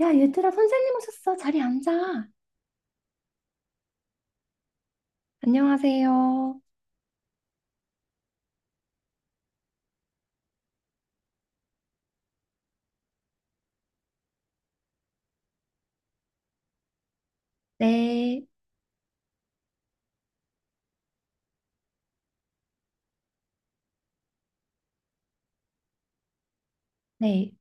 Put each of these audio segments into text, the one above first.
야, 얘들아, 선생님 오셨어. 자리 앉아. 안녕하세요. 네, 네.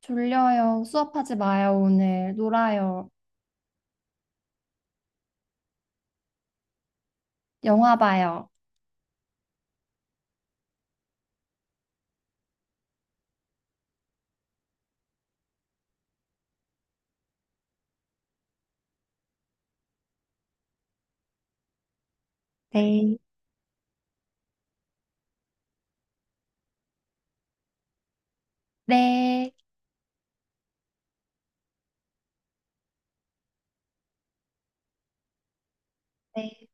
졸려요. 수업하지 마요, 오늘. 놀아요. 영화 봐요. 네, 네, 네,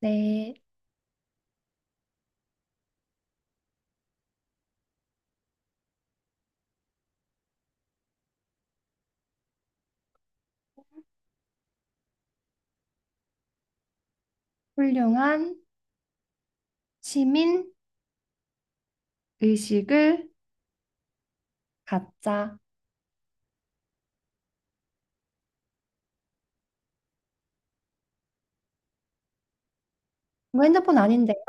네. 훌륭한 시민 의식을 갖자. 이거 핸드폰 아닌데요?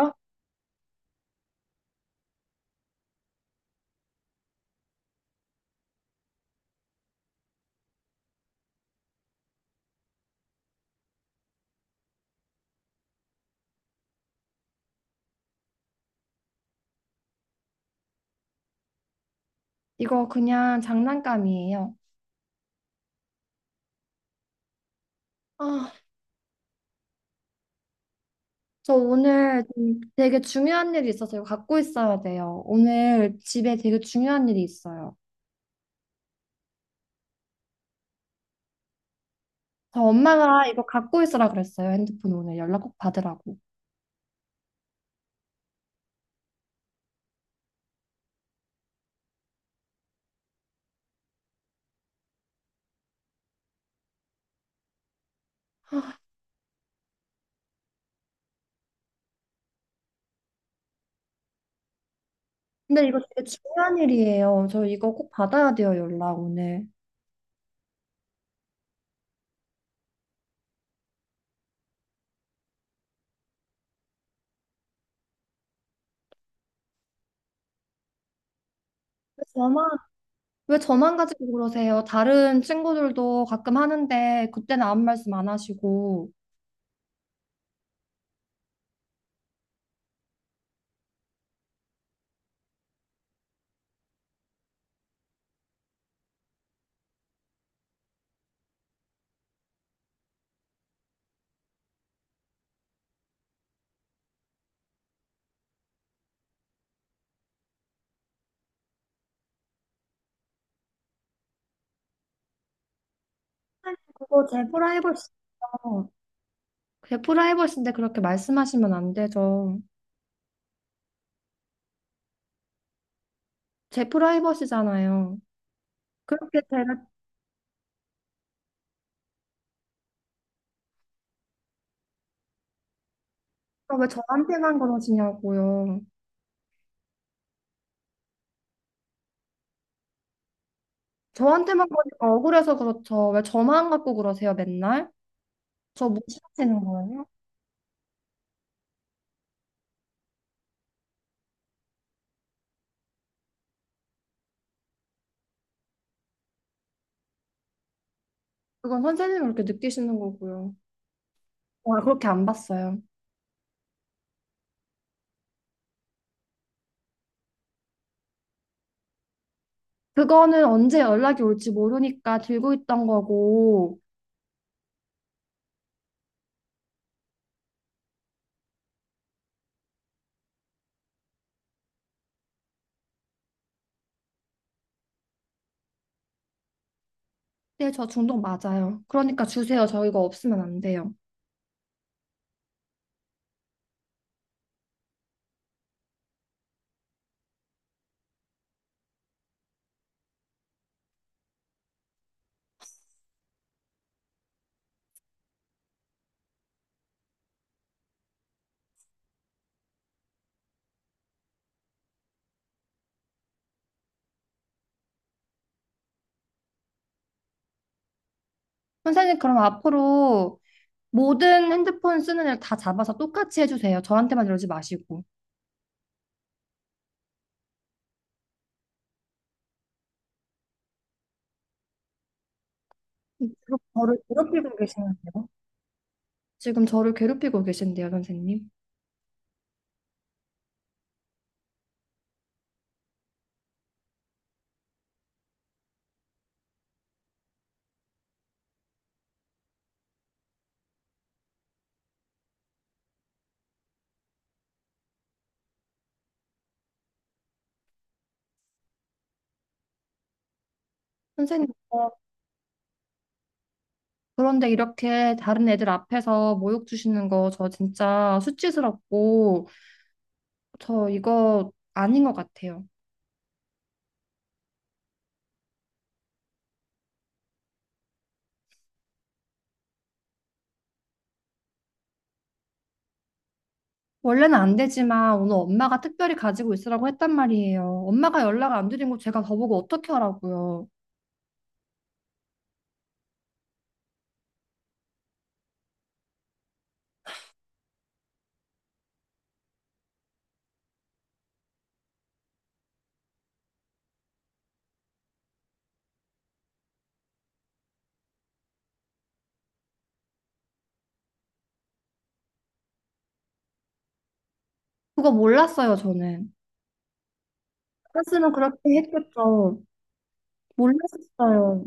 이거 그냥 장난감이에요. 아, 저 오늘 좀 되게 중요한 일이 있어서 이거 갖고 있어야 돼요. 오늘 집에 되게 중요한 일이 있어요. 저 엄마가 이거 갖고 있으라 그랬어요. 핸드폰 오늘 연락 꼭 받으라고. 근데 이거 되게 중요한 일이에요. 저 이거 꼭 받아야 돼요, 연락 오늘. 왜 저만, 왜 저만 가지고 그러세요? 다른 친구들도 가끔 하는데 그때는 아무 말씀 안 하시고. 그거 제 프라이버시예요. 제 프라이버시인데 그렇게 말씀하시면 안 되죠. 제 프라이버시잖아요. 그렇게 제가 왜 저한테만 그러시냐고요. 저한테만 그러니까 억울해서 그렇죠. 왜 저만 갖고 그러세요, 맨날? 저 못 찾으시는 거예요? 그건 선생님이 그렇게 느끼시는 거고요. 어, 그렇게 안 봤어요. 그거는 언제 연락이 올지 모르니까 들고 있던 거고, 네, 저 중독 맞아요. 그러니까 주세요. 저 이거 없으면 안 돼요. 선생님, 그럼 앞으로 모든 핸드폰 쓰는 애를 다 잡아서 똑같이 해주세요. 저한테만 이러지 마시고. 지금 저를 괴롭히고 계시는데요? 지금 저를 괴롭히고 계신데요, 선생님. 선생님, 그런데 이렇게 다른 애들 앞에서 모욕 주시는 거 저 진짜 수치스럽고 저 이거 아닌 것 같아요. 원래는 안 되지만 오늘 엄마가 특별히 가지고 있으라고 했단 말이에요. 엄마가 연락 안 드린 거 제가 더보고 어떻게 하라고요. 그거 몰랐어요, 저는. 알았으면 그렇게 했겠죠. 몰랐었어요.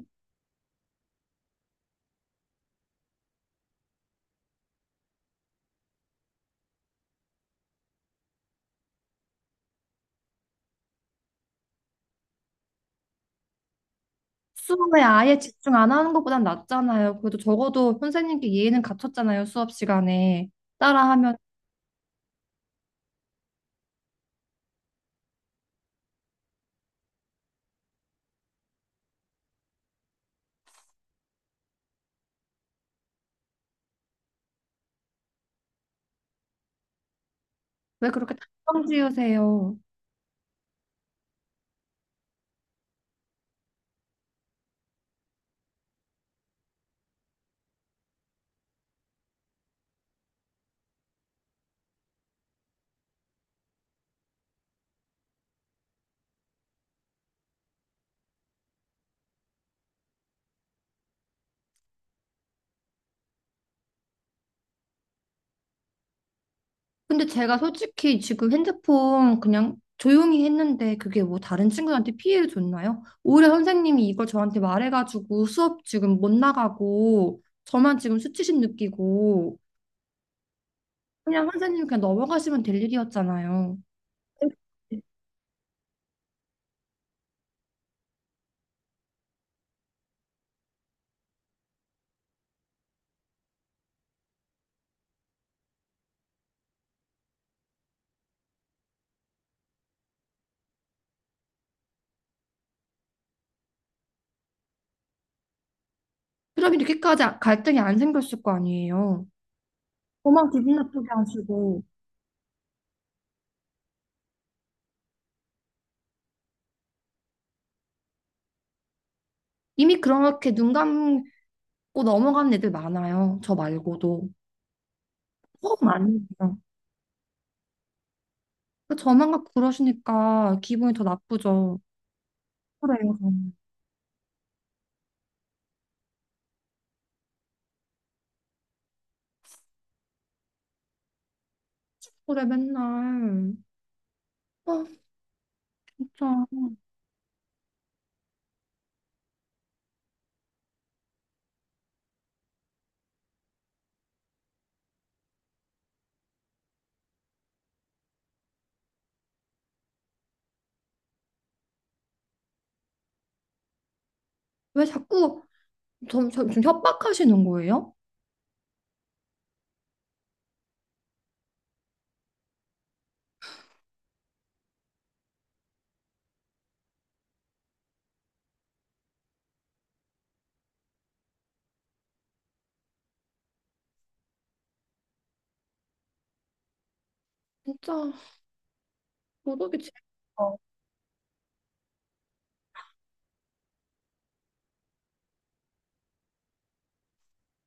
수업에 아예 집중 안 하는 것보단 낫잖아요. 그래도 적어도 선생님께 예의는 갖췄잖아요, 수업 시간에. 따라하면 왜 그렇게 단정 지으세요? 근데 제가 솔직히 지금 핸드폰 그냥 조용히 했는데 그게 뭐 다른 친구들한테 피해를 줬나요? 오히려 선생님이 이걸 저한테 말해가지고 수업 지금 못 나가고 저만 지금 수치심 느끼고 그냥 선생님 그냥 넘어가시면 될 일이었잖아요. 그럼 이렇게까지 갈등이 안 생겼을 거 아니에요. 저만 기분 나쁘게 하시고 이미 그렇게 눈 감고 넘어가는 애들 많아요. 저 말고도. 더 많아요. 저만 갖고 그러시니까 기분이 더 나쁘죠. 그래요. 그래 맨날. 아 진짜 왜 자꾸 좀 협박하시는 거예요? 진짜 도덕이 제일 어.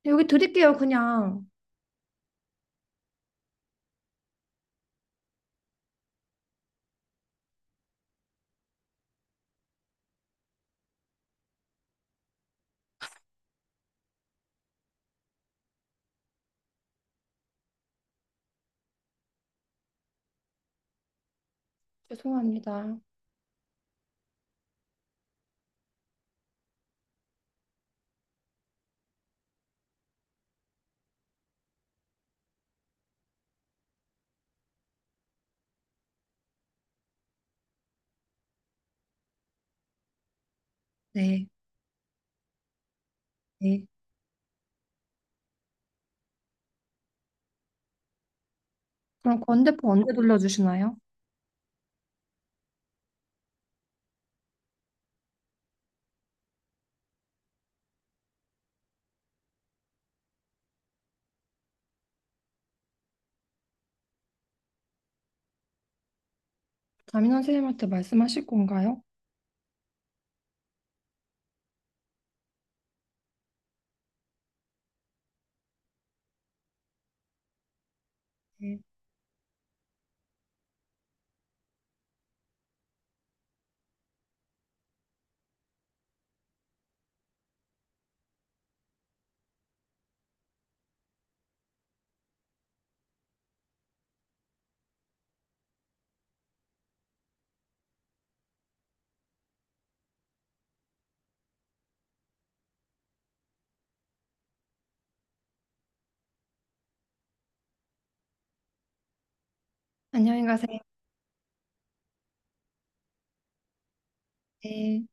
여기 드릴게요 그냥. 죄송합니다. 네. 네. 그럼 건대포 언제 돌려주시나요? 담임 선생님한테 말씀하실 건가요? 네. 안녕히 가세요. 네.